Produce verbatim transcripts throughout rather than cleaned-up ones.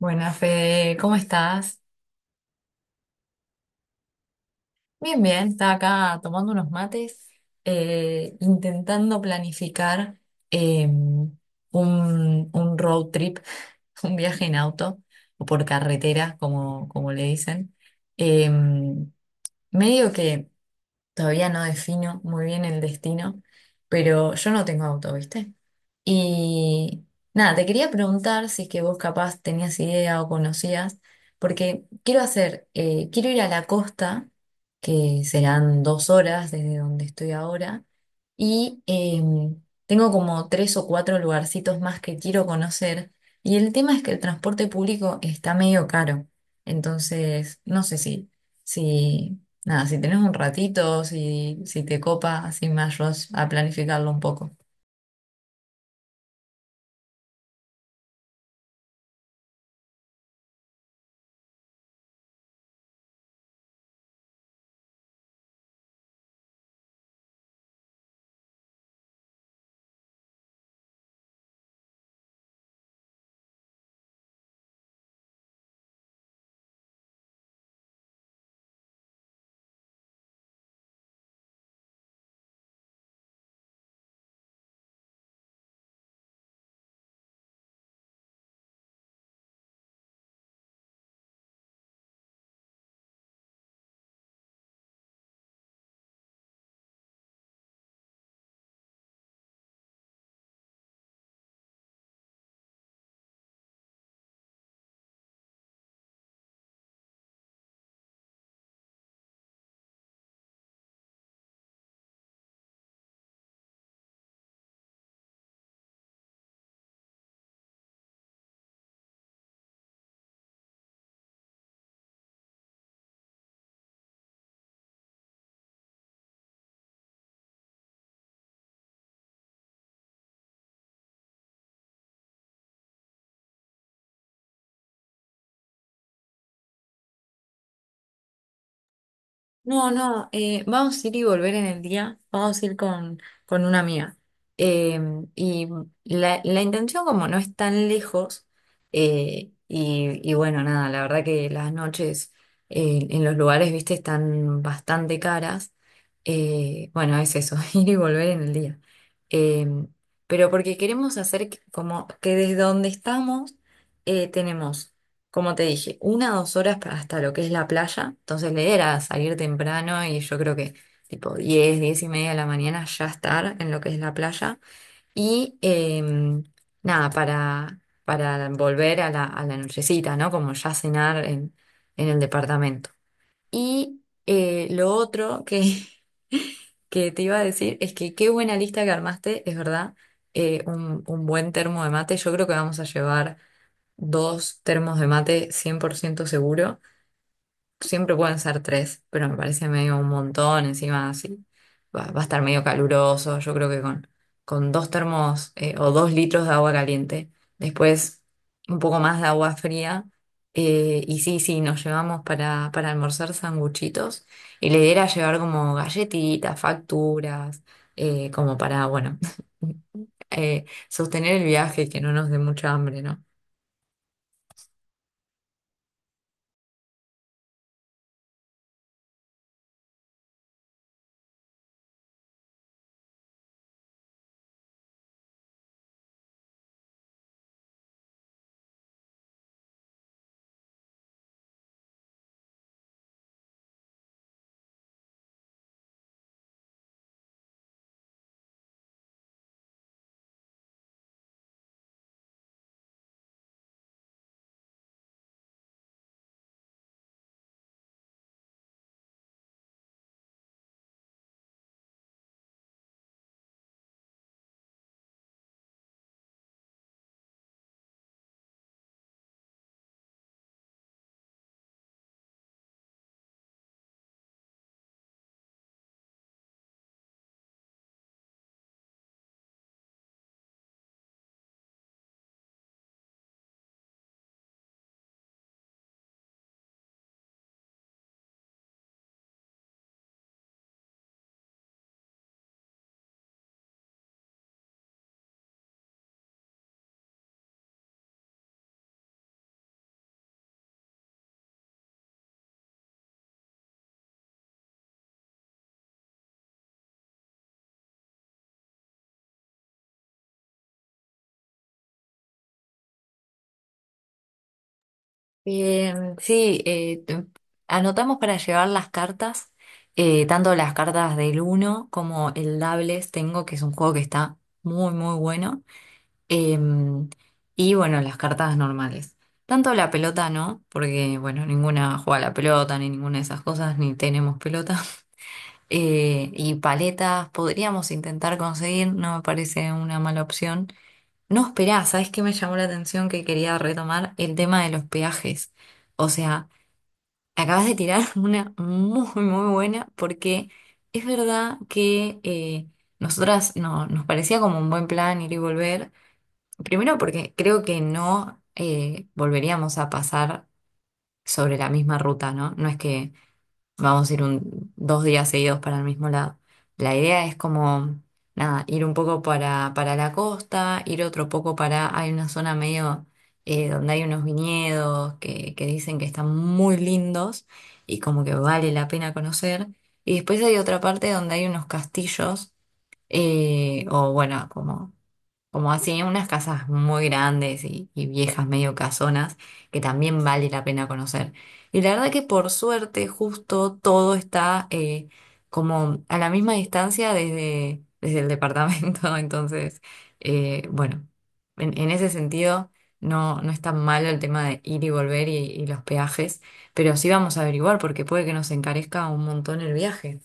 Buenas, Fede, ¿cómo estás? Bien, bien, estaba acá tomando unos mates, eh, intentando planificar eh, un, un road trip, un viaje en auto o por carretera, como, como le dicen. Eh, medio que todavía no defino muy bien el destino, pero yo no tengo auto, ¿viste? Y nada, te quería preguntar si es que vos capaz tenías idea o conocías, porque quiero hacer, eh, quiero ir a la costa, que serán dos horas desde donde estoy ahora, y em, tengo como tres o cuatro lugarcitos más que quiero conocer, y el tema es que el transporte público está medio caro, entonces no sé si... si Nada, si tenés un ratito, si, si te copa, así me ayudas a planificarlo un poco. No, no, eh, vamos a ir y volver en el día, vamos a ir con, con una amiga. Eh, y la, la intención como no es tan lejos, eh, y, y bueno, nada, la verdad que las noches eh, en los lugares, viste, están bastante caras. Eh, bueno, es eso, ir y volver en el día. Eh, pero porque queremos hacer que- como que desde donde estamos eh, tenemos como te dije, una o dos horas pa- hasta lo que es la playa. Entonces la idea era salir temprano y yo creo que tipo diez diez y media de la mañana ya estar en lo que es la playa. Y em, nada, para, para volver a la, a la nochecita, ¿no? Como ya cenar en, en el departamento. Y eh, lo otro que, que te iba a decir es que qué buena lista que armaste, es verdad. Eh, un, un buen termo de mate. Yo creo que vamos a llevar dos termos de mate cien por ciento seguro. Siempre pueden ser tres, pero me parece medio un montón. Encima, así va, va a estar medio caluroso. Yo creo que con, con dos termos eh, o dos litros de agua caliente, después un poco más de agua fría. Eh, y sí, sí, nos llevamos para, para almorzar sanguchitos. Y la idea era llevar como galletitas, facturas, eh, como para, bueno, eh, sostener el viaje y que no nos dé mucha hambre, ¿no? Bien, sí, eh, te- anotamos para llevar las cartas, eh, tanto las cartas del uno como el Doubles Tengo, que es un juego que está muy, muy bueno. Em, y bueno, las cartas normales. Tanto la pelota no, porque bueno, ninguna juega a la pelota, ni ninguna de esas cosas, ni tenemos pelota. Eh, y paletas podríamos intentar conseguir, no me parece una mala opción. No, esperá, ¿sabes qué me llamó la atención que quería retomar? El tema de los peajes. O sea, acabas de tirar una muy, muy buena porque es verdad que eh, nosotras no, nos parecía como un buen plan ir y volver. Primero porque creo que no eh, volveríamos a pasar sobre la misma ruta, ¿no? No es que vamos a ir un, dos días seguidos para el mismo lado. La idea es como, nada, ir un poco para, para la costa, ir otro poco para, hay una zona medio eh, donde hay unos viñedos que, que dicen que están muy lindos y como que vale la pena conocer. Y después hay otra parte donde hay unos castillos eh, o bueno, como como así, unas casas muy grandes y, y viejas, medio casonas, que también vale la pena conocer. Y la verdad que por suerte, justo todo está eh, como a la misma distancia desde, desde el departamento. Entonces, eh, bueno, en, en ese sentido no, no es tan malo el tema de ir y volver y, y los peajes, pero sí vamos a averiguar porque puede que nos encarezca un montón el viaje.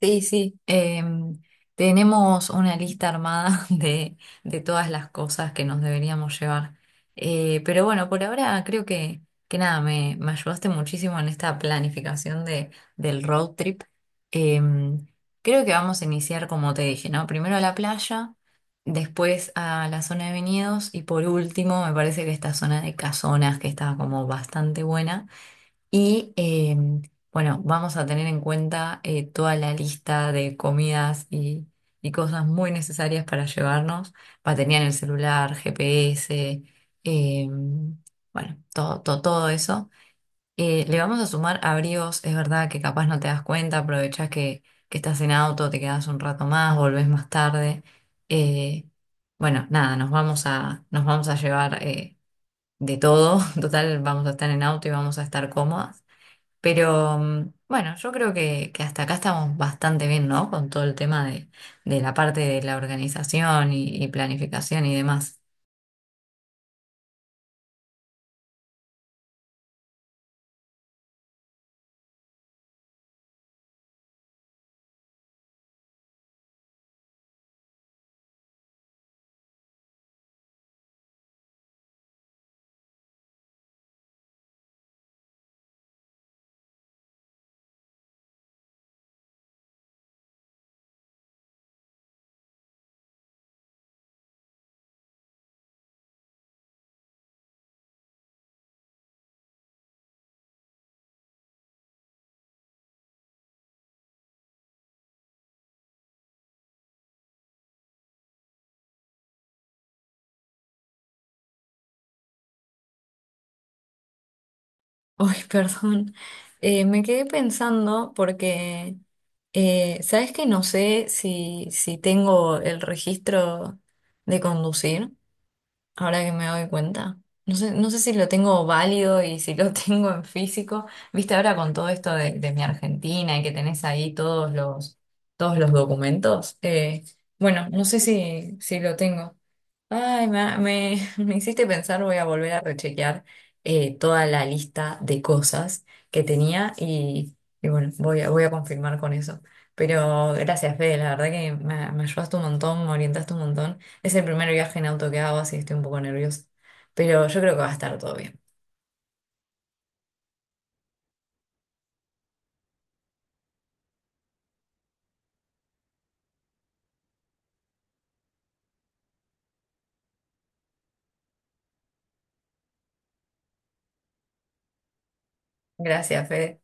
Sí, sí, em, tenemos una lista armada de, de todas las cosas que nos deberíamos llevar. Eh, pero bueno, por ahora creo que, que nada, me, me ayudaste muchísimo en esta planificación de, del road trip. Em, creo que vamos a iniciar, como te dije, ¿no? Primero a la playa, después a la zona de viñedos y por último, me parece que esta zona de casonas que está como bastante buena y eh, bueno, vamos a tener en cuenta eh, toda la lista de comidas y, y cosas muy necesarias para llevarnos. Batería en el celular, G P S, eh, bueno, todo, todo, todo eso. Eh, le vamos a sumar abrigos, es verdad que capaz no te das cuenta, aprovechás que, que estás en auto, te quedás un rato más, volvés más tarde. Eh, bueno, nada, nos vamos a, nos vamos a llevar eh, de todo. Total, vamos a estar en auto y vamos a estar cómodas. Pero mm, bueno, yo creo que, que hasta acá estamos bastante bien, ¿no? Con todo el tema de, de la parte de la organización y, y planificación y demás. Uy, perdón. Eh, me quedé pensando porque, eh, ¿sabes que no sé si, si tengo el registro de conducir ahora que me doy cuenta? No sé, no sé si lo tengo válido y si lo tengo en físico. Viste, ahora con todo esto de, de mi Argentina y que tenés ahí todos los, todos los documentos. Eh, bueno, no sé si, si lo tengo. Ay, me, me- me hiciste pensar, voy a volver a rechequear eh, toda la lista de cosas que tenía y, y bueno, voy a, voy a confirmar con eso. Pero gracias, Fede, la verdad que me, me ayudaste un montón, me orientaste un montón. Es el primer viaje en auto que hago, así estoy un poco nerviosa. Pero yo creo que va a estar todo bien. Gracias, Fede.